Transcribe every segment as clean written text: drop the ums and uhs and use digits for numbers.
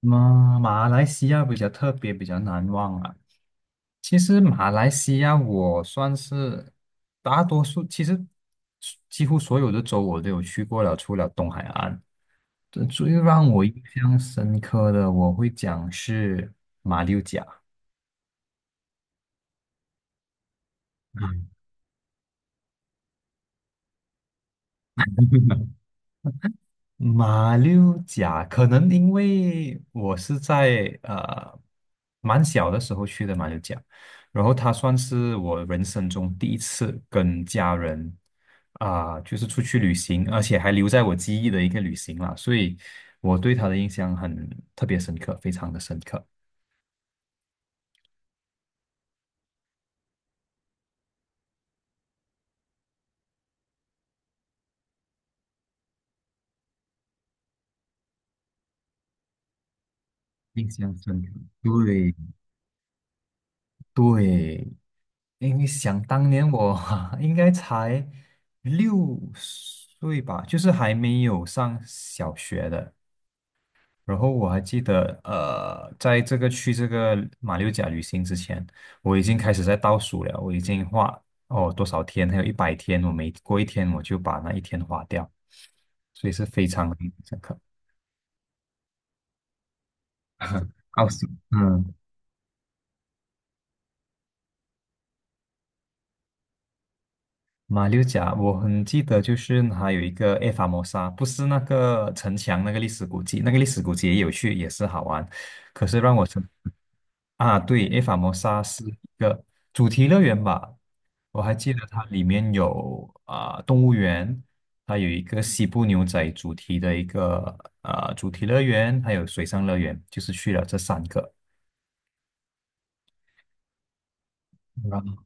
马来西亚比较特别，比较难忘啊。其实马来西亚我算是大多数，其实几乎所有的州我都有去过了，除了东海岸。这最让我印象深刻的，我会讲是马六甲。马六甲可能因为我是在蛮小的时候去的马六甲，然后它算是我人生中第一次跟家人就是出去旅行，而且还留在我记忆的一个旅行啦，所以我对它的印象很特别深刻，非常的深刻，印象深刻。对对，因为想当年我 应该才6岁吧，就是还没有上小学的。然后我还记得，在去这个马六甲旅行之前，我已经开始在倒数了，我已经多少天，还有100天，我每过一天我就把那一天花掉，所以是非常印象深刻。奥斯，嗯。马六甲，我很记得，就是还有一个埃法摩沙，不是那个城墙那个历史古迹，那个历史古迹也有去，也是好玩。可是让我想啊，对，埃法摩沙是一个主题乐园吧？我还记得它里面有动物园，它有一个西部牛仔主题的一个主题乐园，还有水上乐园，就是去了这三个。然后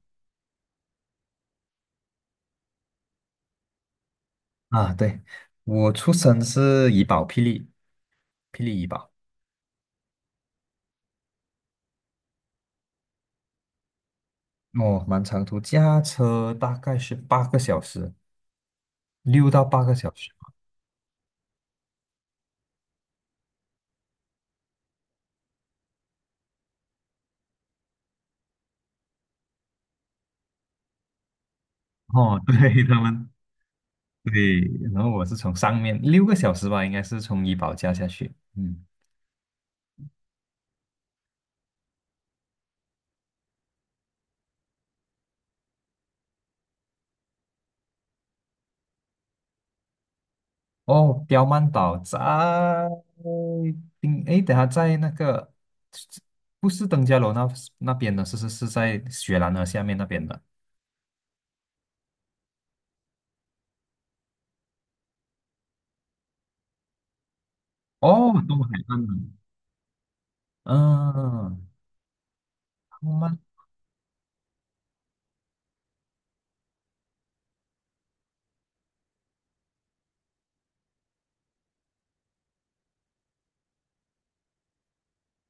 啊，对，我出生是怡宝，霹雳，霹雳怡宝。哦，蛮长途，驾车大概是八个小时，6到8个小时。哦，对，对，然后我是从上面6个小时吧，应该是从怡保驾下去。嗯，哦，刁曼岛在诶，等下在那个不是登嘉楼那边的，是是是在雪兰莪下面那边的。哦，东海岸的。嗯，刁曼，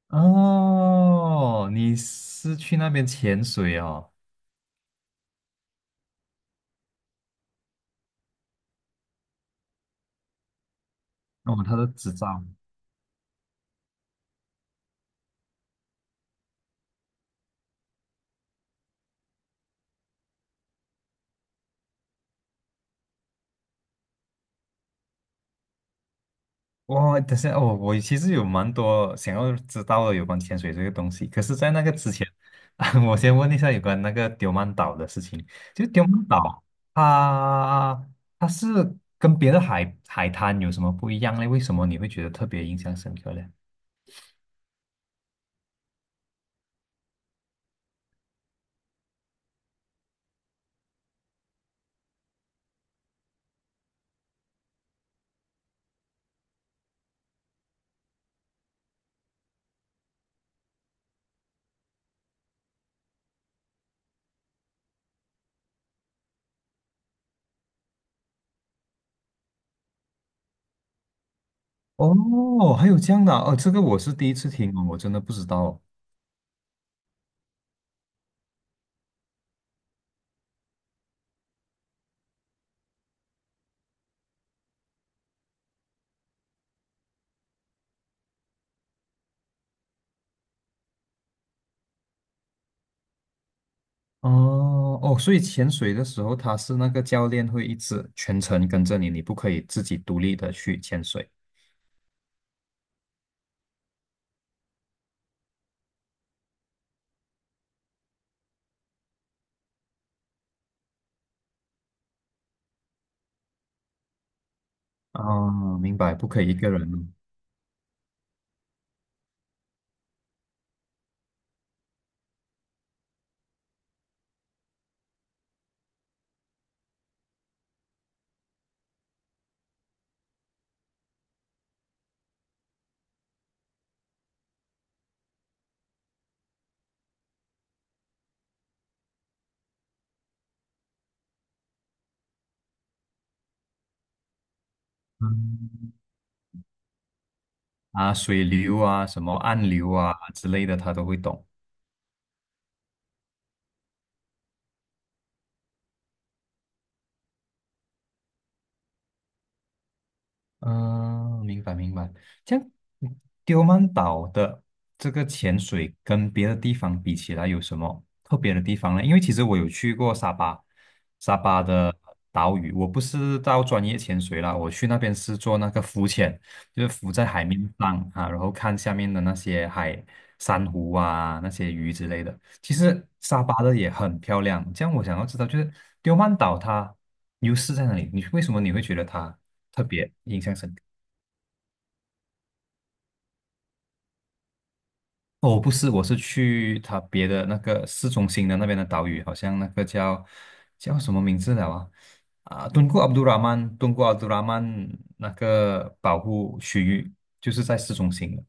哦，你是去那边潜水哦？哦，他的执照。哇，等下哦，我其实有蛮多想要知道的有关潜水这个东西，可是，在那个之前，啊我先问一下有关那个丢曼岛的事情。就丢曼岛，它它是跟别的海滩有什么不一样呢？为什么你会觉得特别印象深刻呢？哦，还有这样的啊哦，这个我是第一次听哦，我真的不知道哦。哦，所以潜水的时候，它是那个教练会一直全程跟着你，你不可以自己独立的去潜水。哦，明白，不可以一个人。嗯啊，水流啊，什么暗流啊之类的，他都会懂。嗯，明白明白。这样，嗯丢曼岛的这个潜水跟别的地方比起来，有什么特别的地方呢？因为其实我有去过沙巴，沙巴的岛屿，我不是到专业潜水啦，我去那边是做那个浮潜，就是浮在海面上啊，然后看下面的那些海珊瑚啊，那些鱼之类的。其实沙巴的也很漂亮。这样，我想要知道，就是丢曼岛它优势在哪里？你为什么会觉得它特别印象深刻。哦，不是，我是去它别的那个市中心的那边的岛屿，好像那个叫什么名字了啊？啊，敦煌阿卜杜拉曼那个保护区域就是在市中心的。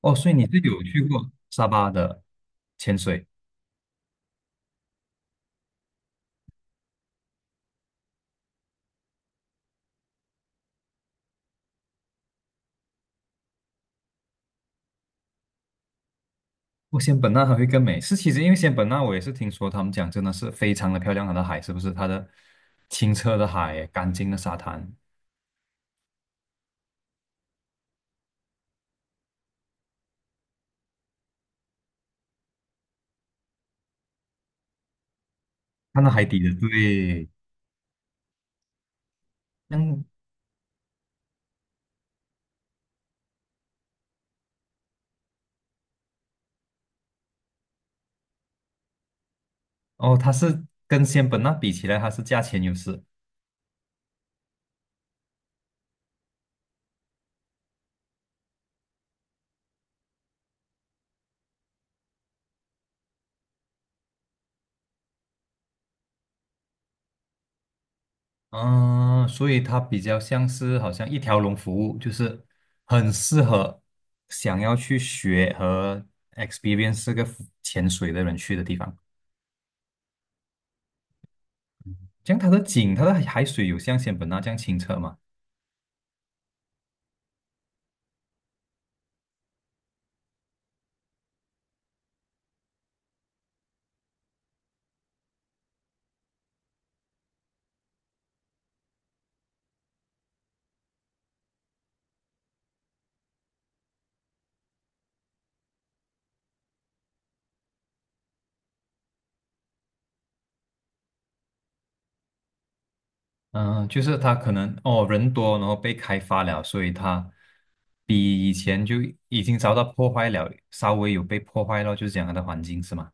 哦，所以你是有去过沙巴的潜水？我仙本那还会更美，是其实因为仙本那我也是听说他们讲真的是非常的漂亮，它的海是不是？它的清澈的海，干净的沙滩，看到海底的，对，像哦，它是跟仙本那比起来，它是价钱优势，嗯，所以它比较像是好像一条龙服务，就是很适合想要去学和 experience 这个浮潜水的人去的地方。像它的景，它的海水有像仙本那这样清澈吗？嗯，就是它可能人多，然后被开发了，所以它比以前就已经遭到破坏了，稍微有被破坏了，就是讲它的环境是吗？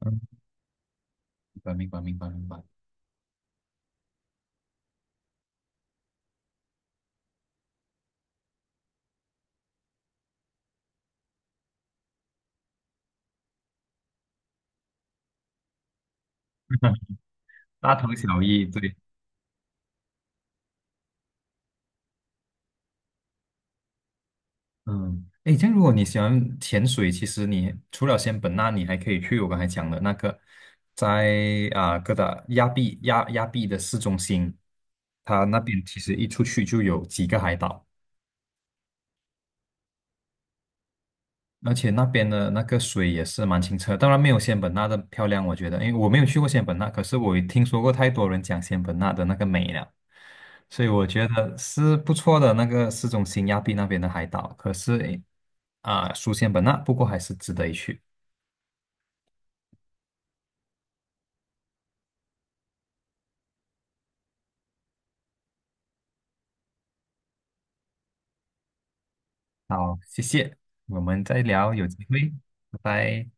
嗯，明白明白明白明白。大同小异，对，嗯，诶，这样如果你喜欢潜水，其实你除了仙本那，你还可以去我刚才讲的那个，在哥打亚庇的市中心，它那边其实一出去就有几个海岛，而且那边的那个水也是蛮清澈，当然没有仙本那的漂亮，我觉得，因为我没有去过仙本那，可是我也听说过太多人讲仙本那的那个美了。所以我觉得是不错的那个市中心亚庇那边的海岛，可是诶啊，书香本那，不过还是值得一去。好，谢谢，我们再聊，有机会，拜拜。